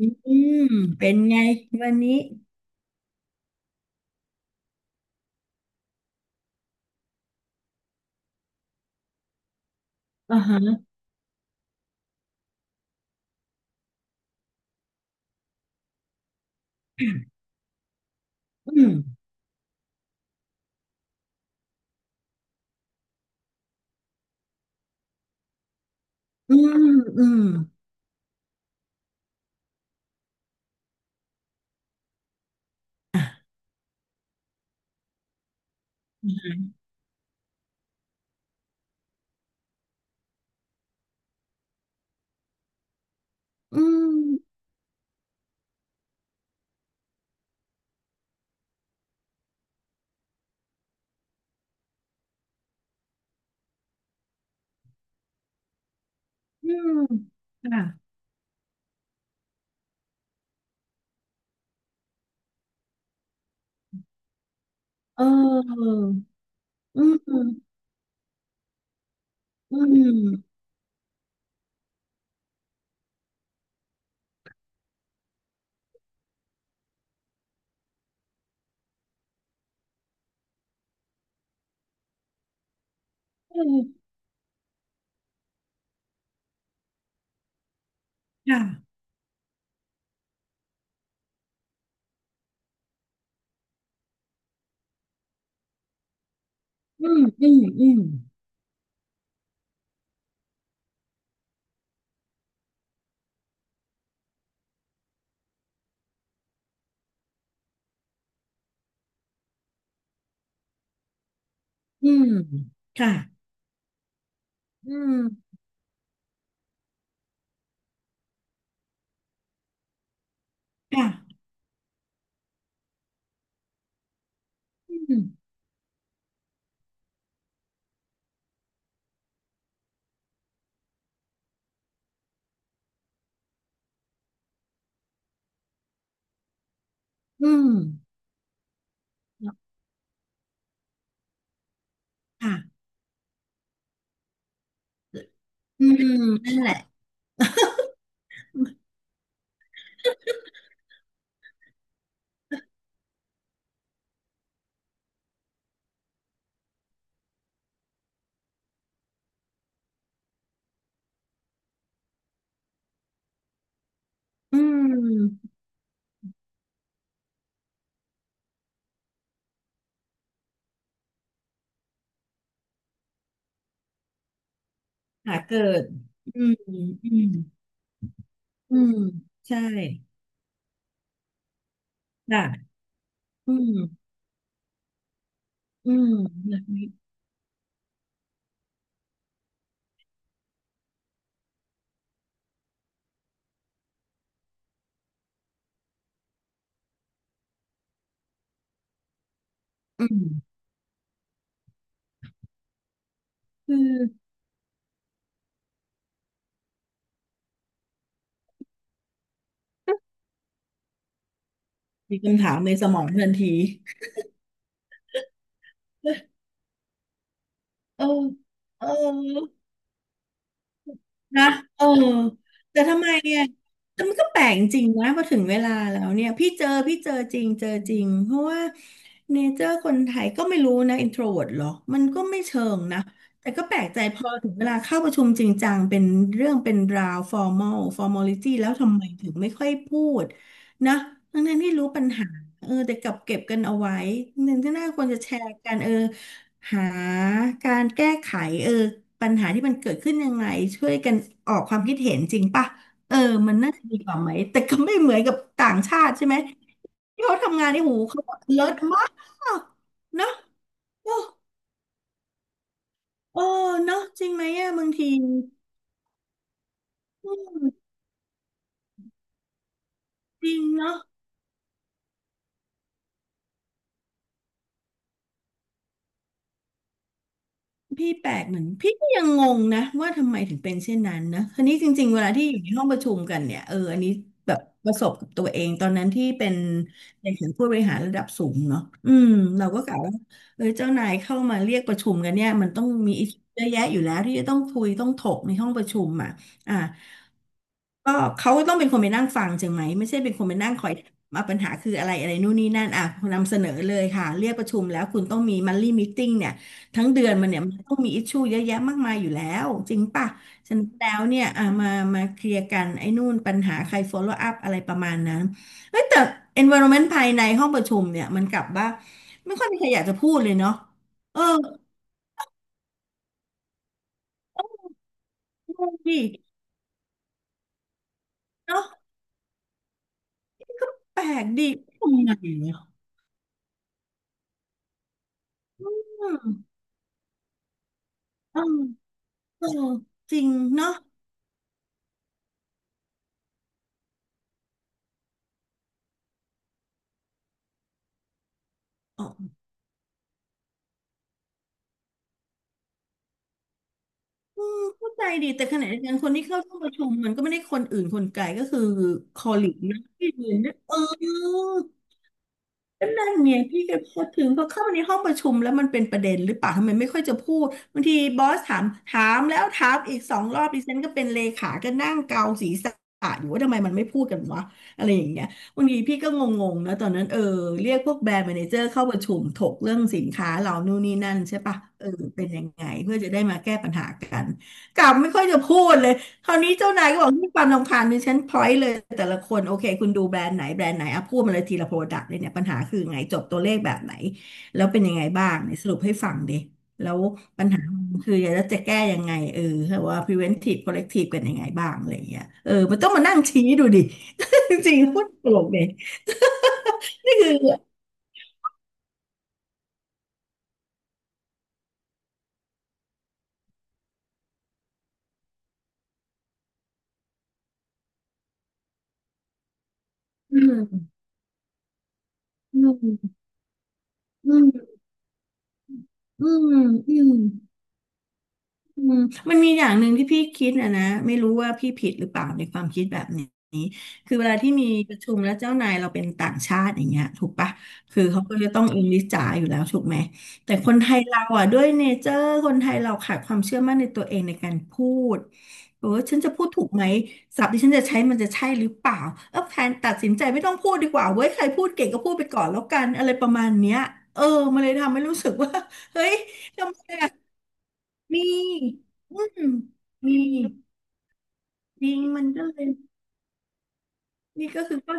อืมเป็นไงวันนี้อ่าฮะอืมอืมอืมอืมอืมค่ะเอออืมอืมอืมค่ะอืมอืมอืมอืมค่ะอืมค่ะอืมอืมค่ะอืมนั่นแหละอืมค่ะเกิดอืมอืมอืมใช่ค่ะอืมอืมแบบนี้อืมคือ มีคำถามในสมองทันที เออ เออนะเออ แต่ทำไมเนี่ยแต่มันก็แปลกจริงนะพอถึงเวลาแล้วเนี่ยพี่เจอพี่เจอจริงเจอจริงเพราะว่าเนเจอร์คนไทยก็ไม่รู้นะอินโทรเวิร์หรอมันก็ไม่เชิงนะแต่ก็แปลกใจพอถึงเวลาเข้าประชุมจริงจังเป็นเรื่องเป็นราวฟอร์มอลฟอร์มอลิตี้แล้วทำไมถึงไม่ค่อยพูดนะทั้งๆที่รู้ปัญหาเออแต่กลับเก็บกันเอาไว้หนึ่งที่น่าควรจะแชร์กันเออ หาการแก้ไขเออปัญหาที่มันเกิดขึ้นยังไงช่วยกันออกความคิดเห็นจริงป่ะเออมันน่าจะดีกว่าไหมแต่ก็ไม่เหมือนกับต่างชาติใช่ไหมที่เขาทำงานที่หูเขาเลิศมากเนาะโอ้โอ้เนาะจริงไหมอะบางทีจริงเนาะ พี่แปลกเหมือนพี่ก็ยังงงนะว่าทำไมถึงเป็นเช่นนั้นนะทีนี้จริงๆเวลาที่อยู่ในห้องประชุมกันเนี่ยเอออันนี้แบบประสบกับตัวเองตอนนั้นที่เป็นในถึงผู้บริหารระดับสูงเนาะอืมเราก็กะว่าเออเจ้านายเข้ามาเรียกประชุมกันเนี่ยมันต้องมีอิชเยอะแยะอยู่แล้วที่จะต้องคุยต้องถกในห้องประชุมอ่ะอ่า ก็เขาต้องเป็นคนไปนั่งฟังใช่ไหมไม่ใช่เป็นคนไปนั่งคอยมาปัญหาคืออะไรอะไรนู่นนี่นั่นอ่ะนำเสนอเลยค่ะเรียกประชุมแล้วคุณต้องมีมันลี่ม e ติ้งเนี่ยทั้งเดือนมันเนี่ยมันต้องมีอิชชูเยอะแยะมากมายอยู่แล้วจริงป่ะฉะนั้นแล้วเนี่ยอ่ะมาเคลียร์กันไอ้นู่นปัญหาใคร follow up อะไรประมาณนั้นเอ้ยแต่ environment ภายในห้องประชุมเนี่ยมันกลับว่าไม่ค่อยมีใครอยากจะพูดเลยเนาะเอองงดิเนาะก็แปลกดิทำไงเนี่ยอืม เออจริงเนาะอ๋อเข้าใจดีแต่ขณะเดียวกันคนที่เข้าร่วมประชุมมันก็ไม่ได้คนอื่นคนไกลก็คือคอลิกนะที่อยู่เนี่ยเออ ก็นั่นเนี่ยพี่ก็พูดถึงพอเข้ามาในห้องประชุมแล้วมันเป็นประเด็นหรือเปล่าทำไมไม่ค่อยจะพูดบางทีบอสถามแล้วถามอีกสองรอบดิฉันก็เป็นเลขาก็นั่งเกาศีรษะอยู่ว่าทำไมมันไม่พูดกันวะอะไรอย่างเงี้ยบางทีพี่ก็งงๆนะตอนนั้นเออเรียกพวกแบรนด์แมเนเจอร์เข้าประชุมถกเรื่องสินค้าเรานู่นนี่นั่นใช่ปะเออเป็นยังไงเพื่อจะได้มาแก้ปัญหากันกลับไม่ค่อยจะพูดเลย คราวนี้เจ้านายก็บอกที่ความรำคาญมีฉันพอยต์เลยแต่ละคนโอเคคุณดูแบรนด์ไหนแบรนด์ไหนอ่ะพูดมาเลยทีละโปรดักต์เลยเนี่ยปัญหาคือไงจบตัวเลขแบบไหนแล้วเป็นยังไงบ้างเนี่ยสรุปให้ฟังดิแล้วปัญหามันคืออยากจะแก้ยังไงเออว่า preventive corrective เป็นยังไงบ้างอะไรอย่างเงี้ยเออมันต้องมานั่งชี้ดูดิ จริงๆพูดตลกเลยนี่คืออืมอืมอืมอืมอืม อืมมันมีอย่างหนึ่งที่พี่คิดนะไม่รู้ว่าพี่ผิดหรือเปล่าในความคิดแบบนี้คือเวลาที่มีประชุมแล้วเจ้านายเราเป็นต่างชาติอย่างเงี้ยถูกปะคือเขาก็จะต้องอิงลิสจ๋าอยู่แล้วถูกไหมแต่คนไทยเราอ่ะด้วยเนเจอร์คนไทยเราขาดความเชื่อมั่นในตัวเองในการพูดเออฉันจะพูดถูกไหมศัพท์ที่ฉันจะใช้มันจะใช่หรือเปล่าเออแทนตัดสินใจไม่ต้องพูดดีกว่าเว้ยใครพูดเก่งก็พูดไปก่อนแล้วกันอะไรประมาณเนี้ยเออมันเลยทำให้รู้สึกว่าเฮ้ยทำไมอะ มีอืมมีจริงมันก็เลยนี่ก็คือก็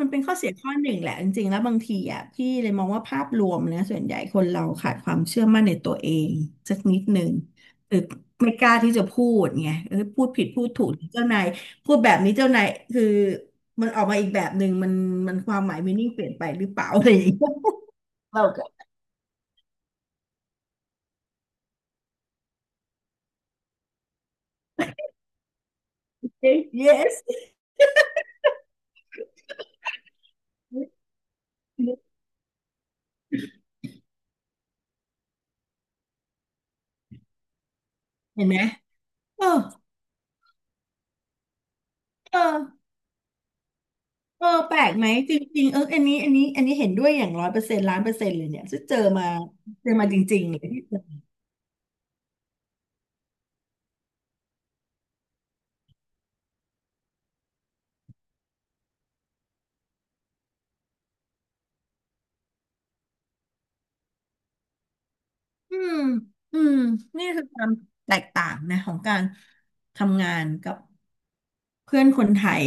มันเป็นข้อเสียข้อหนึ่งแหละจริงๆแล้วบางทีอ่ะพี่เลยมองว่าภาพรวมนะส่วนใหญ่คนเราขาดความเชื่อมั่นในตัวเองสักนิดหนึ่งหรือไม่กล้าที่จะพูดไงเออพูดผิดพูดถูกเจ้านายพูดแบบนี้เจ้านายคือมันออกมาอีกแบบหนึ่งมันความหมายมีนิ่งเปลี่ยนไปหรือเปล่าอะไรอย่างเงี้ย เราก็เ yes เห็นไหมเออเออ แปลกไหมจริงๆอันนี้เห็นด้วยอย่างร้อยเปอร์เซ็นต์ล้านเปอร์เซ็นต์เลยเนี่ยซึ่งเจอมาจริงๆเลยที่เจออืมอืมนี่คือความแตกต่างนะของการทำงานกับเพื่อนคนไทย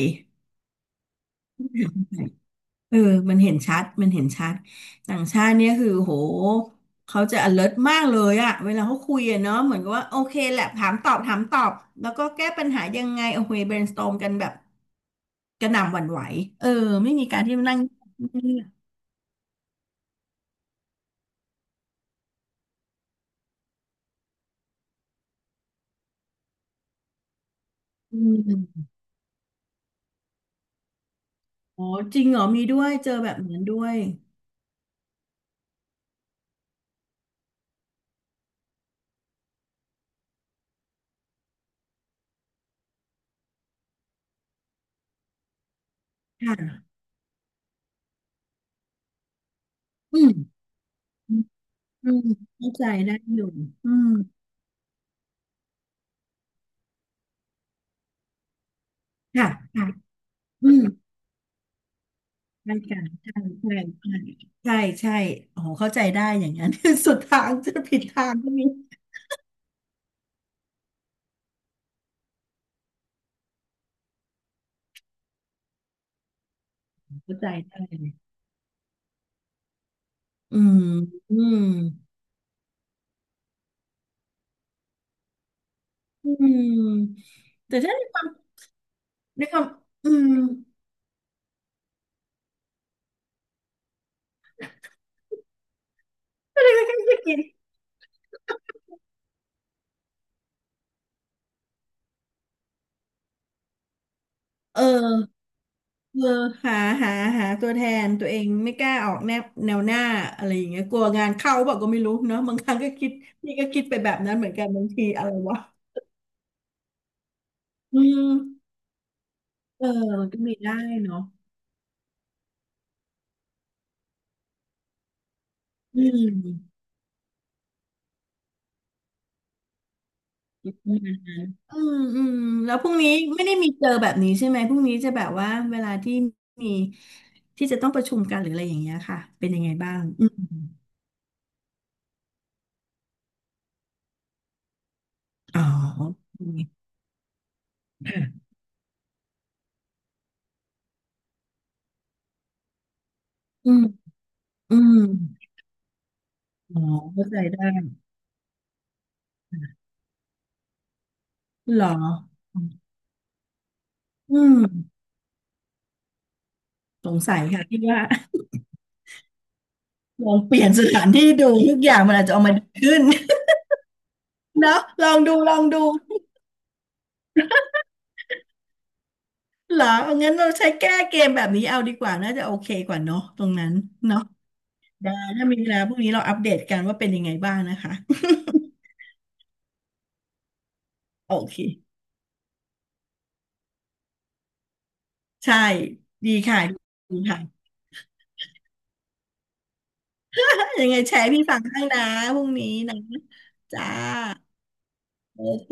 เออมันเห็นชัด ต่างชาติเนี่ยคือโหเขาจะ alert มากเลยอะเวลาเขาคุยอะเนาะเหมือนกับว่าโอเคแหละถามตอบถามตอบ แล้วก็แก้ปัญหายังไงโอเค brainstorm กันแบบกระหน่ำหวั่นไหวเออไม่มีการที่มานั่งเลือกอืมอ๋อจริงเหรอมีด้วยเจอแบบนั้นด้วย ค่ะ อืมอืมเข้าใจได้อยู่อืมค่ะค่ะอืม ใช่ค่ะใช่ใช่ใช่ใช่ใช่โอ้โหเข้าใจได้อย่างนั้น สุดทางจะผิดทางก็มีเข้าใจได้เลยอืมอืมอืมแต่ถ้าในความอืมก็เลยแค่คิดกินเออเออหาหาหาตัวแทนตัวเองไม่กล้าออกแนวหน้าอะไรอย่างเงี้ยกลัวงานเข้าบอกก็ไม่รู้เนาะบางครั้งก็คิดนี่ก็คิดไปแบบนั้นเหมือนกันบางทีอะไรวะอืมเออมันก็มีได้เนาะอืม อืมอืมแล้วพรุ่งนี้ไม่ได้มีเจอแบบนี้ใช่ไหมพรุ่งนี้จะแบบว่าเวลาที่มีที่จะต้องประชุมกันหรืออะไรอย่างเงี้ยค่ะเป็นยังไงบ้างอ๋อโอเคอืมอืมอ๋อเข้าใจได้เหรออืมสงสัยค่ะที่ว่าลองเปลี่ยนสถานที่ดูทุกอย่างมันอาจจะออกมาดีขึ้น เนาะลองดูเหรองั้นเราใช้แก้เกมแบบนี้เอาดีกว่าน่าจะโอเคกว่าเนอะตรงนั้นเนาะ ได้ถ้ามีเวลาพรุ่งนี้เราอัปเดตกันว่าเป็นยังไงบ้างนะคะ โอเคใช่ดีค่ะดีค่ะถ้ายังไงแชร์ให้พี่ฟังข้างนะพรุ่งนี้นะจ้าโอเค